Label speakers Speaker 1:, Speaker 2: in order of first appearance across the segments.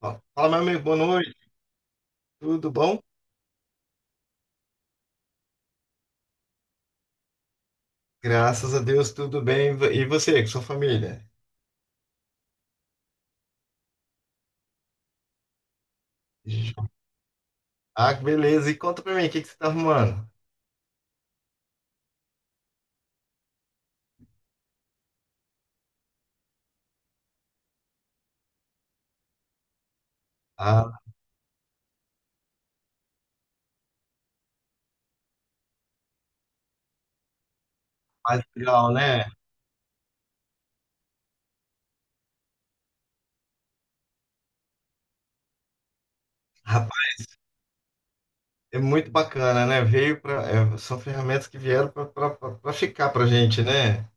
Speaker 1: Ó, fala, meu amigo, boa noite. Tudo bom? Graças a Deus, tudo bem. E você, com sua família? Ah, que beleza. E conta pra mim, o que que você tá arrumando? Ah, mais legal, né? Rapaz, é muito bacana, né? São ferramentas que vieram pra ficar pra gente, né?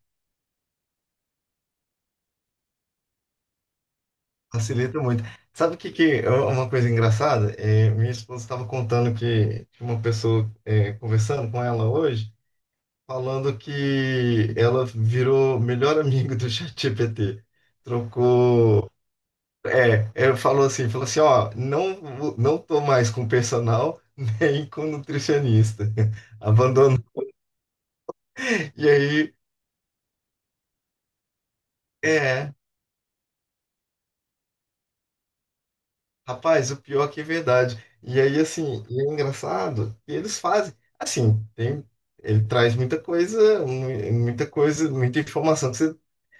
Speaker 1: Facilita muito. Sabe o que que é uma coisa engraçada? Minha esposa estava contando que tinha uma pessoa conversando com ela hoje, falando que ela virou melhor amiga do ChatGPT. Trocou. Falou assim, falou assim, ó, não, não tô mais com personal nem com nutricionista. Abandonou. E aí, é, rapaz, o pior que é verdade. E aí, assim, e é engraçado, que eles fazem, assim, tem, ele traz muita coisa, muita coisa, muita informação que você,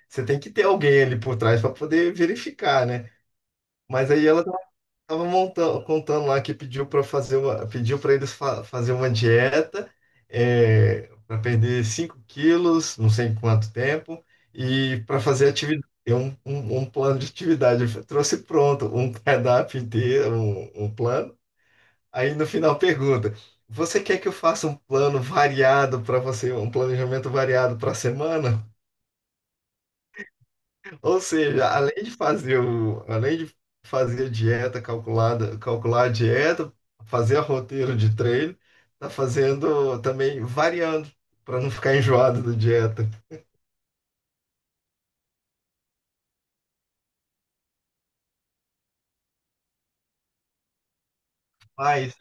Speaker 1: você tem que ter alguém ali por trás para poder verificar, né? Mas aí ela tava montando, contando lá que pediu para fazer uma, pediu para eles fazer uma dieta, é, para perder 5 quilos, não sei em quanto tempo, e para fazer atividade, um plano de atividade. Eu trouxe pronto um cardápio inteiro, um plano. Aí no final pergunta: você quer que eu faça um plano variado para você, um planejamento variado para a semana? Ou seja, além de fazer a dieta calculada, calcular a dieta, fazer a roteiro de treino, tá fazendo também variando para não ficar enjoado da dieta. Mas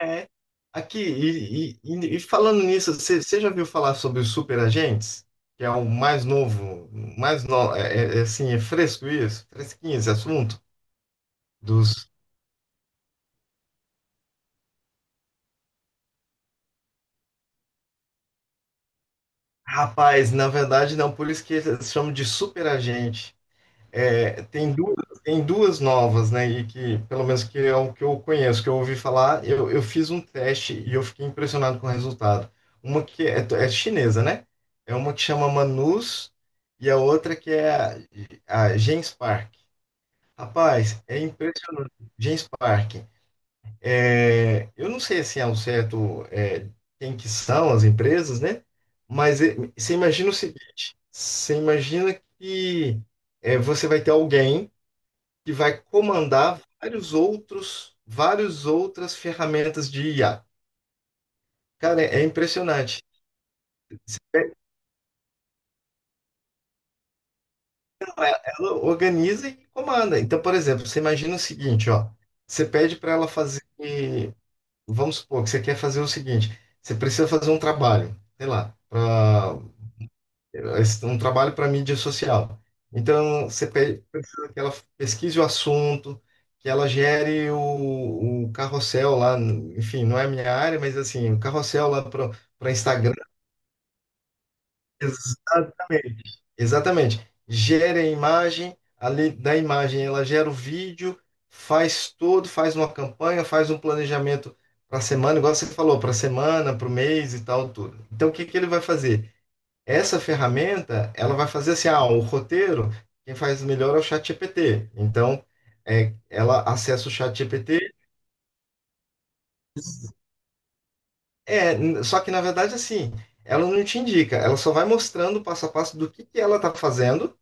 Speaker 1: é aqui e falando nisso, você já viu falar sobre os superagentes? Que é o mais novo, mais no, é, é- é assim, é fresco isso, fresquinho esse assunto dos... Rapaz, na verdade não, por isso que eles chamam de superagente. É, tem duas, Tem duas novas, né? E que, pelo menos que é o que eu conheço, que eu ouvi falar, eu fiz um teste e eu fiquei impressionado com o resultado. Uma que é, é chinesa, né? É uma que chama Manus e a outra que é a Genspark. Rapaz, é impressionante. Genspark. É, eu não sei assim ao certo, é, quem que são as empresas, né? Mas é, você imagina o seguinte: você imagina que é, você vai ter alguém que vai comandar vários outros, várias outras ferramentas de IA. Cara, é impressionante. Ela organiza e comanda. Então, por exemplo, você imagina o seguinte, ó. Você pede para ela fazer, vamos supor que você quer fazer o seguinte, você precisa fazer um trabalho, sei lá, é um trabalho para mídia social. Então, você precisa que ela pesquise o assunto, que ela gere o carrossel lá, enfim, não é a minha área, mas assim, o carrossel lá para Instagram. Exatamente. Exatamente. Gera a imagem, ali da imagem ela gera o vídeo, faz tudo, faz uma campanha, faz um planejamento para a semana, igual você falou, para a semana, para o mês e tal, tudo. Então, o que que ele vai fazer? Essa ferramenta, ela vai fazer assim, ah, o roteiro, quem faz melhor é o ChatGPT. Então, é, ela acessa o ChatGPT, só que na verdade assim, ela não te indica, ela só vai mostrando o passo a passo do que ela está fazendo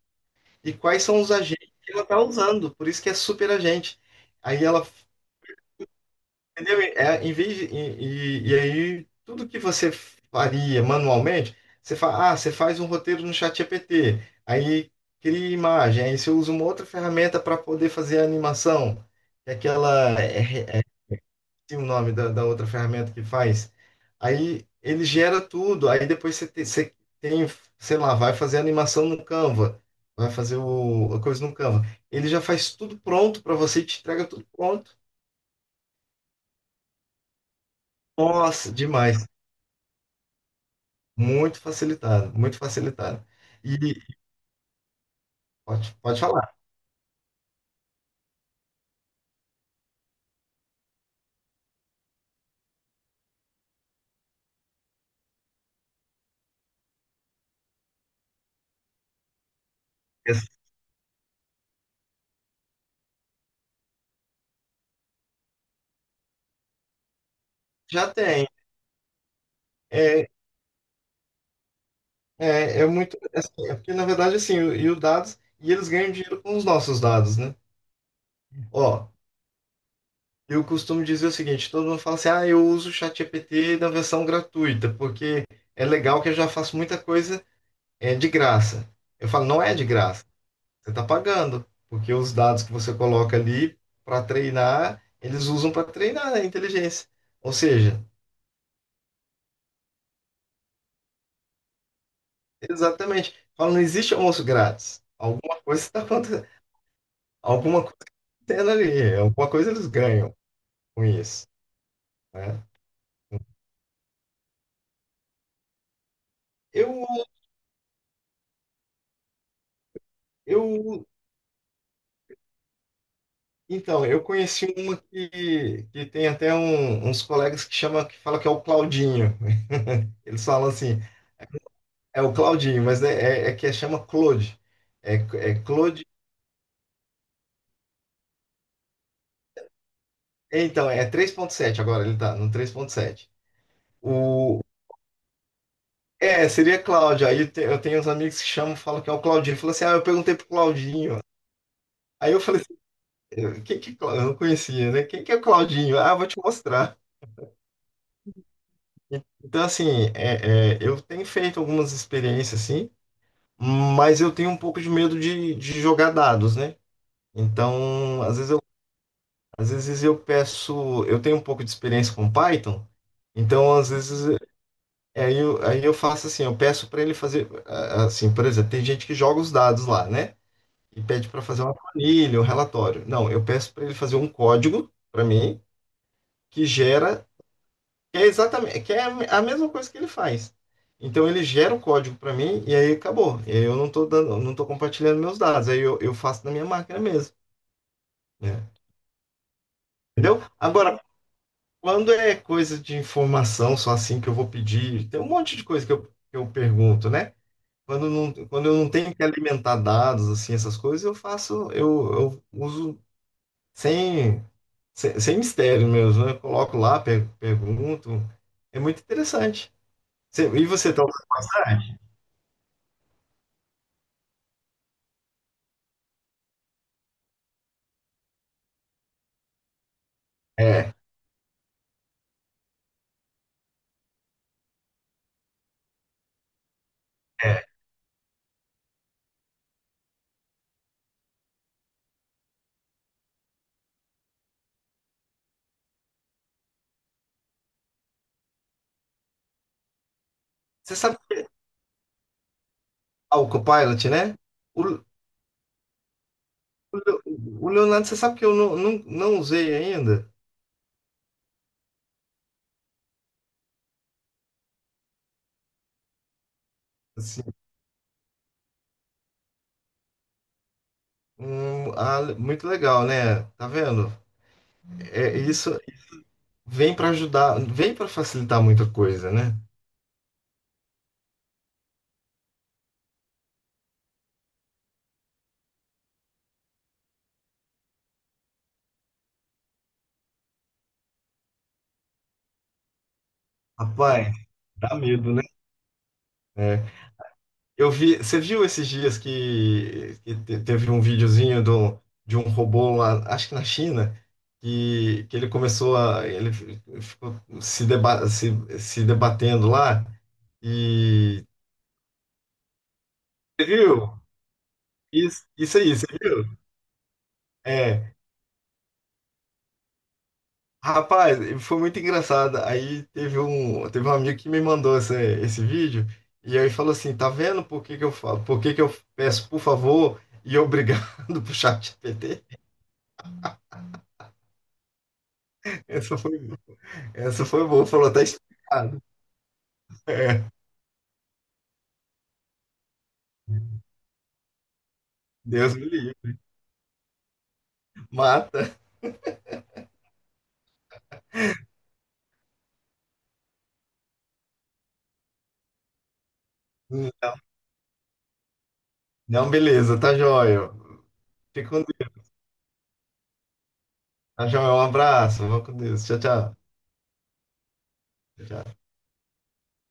Speaker 1: e quais são os agentes que ela está usando. Por isso que é super agente. Aí ela... Entendeu? É, em vez de- e aí, tudo que você faria manualmente, você faz um roteiro no ChatGPT, aí cria imagem, aí você usa uma outra ferramenta para poder fazer a animação, que é aquela, é, é, tem o nome da outra ferramenta que faz. Aí ele gera tudo, aí depois você tem, sei lá, vai fazer a animação no Canva, vai fazer a coisa no Canva. Ele já faz tudo pronto para você e te entrega tudo pronto. Nossa, demais. Muito facilitado, muito facilitado. E pode falar. Essa... Já tem. É, é muito. É, assim, é porque, na verdade, assim, e os dados, e eles ganham dinheiro com os nossos dados, né? Ó, eu costumo dizer o seguinte: todo mundo fala assim, ah, eu uso o ChatGPT na versão gratuita, porque é legal que eu já faço muita coisa, é, de graça. Eu falo, não é de graça, você está pagando, porque os dados que você coloca ali para treinar, eles usam para treinar, né, a inteligência. Ou seja... Exatamente. Fala, não existe almoço grátis. Alguma coisa está acontecendo. Alguma coisa tendo ali. Alguma coisa eles ganham com isso, né? Eu, eu, então, eu conheci uma que tem até uns colegas que chama, que fala que é o Claudinho. Eles falam assim, é o Claudinho, mas chama Claude. É, é Claude. Então, é três ponto sete agora, ele tá no três ponto sete. O, é, seria Cláudio. Eu tenho uns amigos que chamam, falam que é o Claudinho. Fala assim, ah, eu perguntei pro Claudinho. Aí eu falei assim, quem que, eu não conhecia, né? Quem que é o Claudinho? Ah, vou te mostrar. Então, assim, eu tenho feito algumas experiências, assim, mas eu tenho um pouco de medo de jogar dados, né? Então, às vezes eu peço, eu tenho um pouco de experiência com Python, então, às vezes, aí eu faço assim, eu peço para ele fazer, ah, assim, por exemplo, tem gente que joga os dados lá, né? E pede para fazer uma planilha, um relatório. Não, eu peço para ele fazer um código para mim, que gera... É exatamente, que é a mesma coisa que ele faz. Então ele gera o código para mim e aí acabou. E aí eu não estou dando, não tô compartilhando meus dados. Eu faço na minha máquina mesmo, né? Entendeu? Agora, quando é coisa de informação só assim que eu vou pedir, tem um monte de coisa que eu pergunto, né? Quando, não, quando eu não tenho que alimentar dados, assim, essas coisas, eu uso sem, sem mistério mesmo, né? Eu coloco lá, pergunto. É muito interessante. E você está usando? É, é. Você sabe, ah, o Copilot, né? O, o Le- o Leonardo, você sabe que eu não usei ainda? Assim, ah, muito legal, né? Tá vendo? É, isso vem para ajudar, vem para facilitar muita coisa, né? Rapaz, dá medo, né? É. Eu vi, você viu esses dias que teve um videozinho do, de um robô lá, acho que na China, que ele começou a, ele ficou se, deba, se, se debatendo lá e... você viu? Isso aí, você viu? É, rapaz, foi muito engraçado. Aí teve um amigo que me mandou esse, esse vídeo e aí falou assim, tá vendo por que que eu falo, por que que eu peço por favor e obrigado pro chat ChatGPT? Essa foi... Essa foi boa, falou, tá explicado. É. Deus me livre. Mata. Não, beleza, tá jóia. Fica com Deus. Tá jóia, um abraço. Vou com Deus. Tchau, tchau. Tchau, tchau.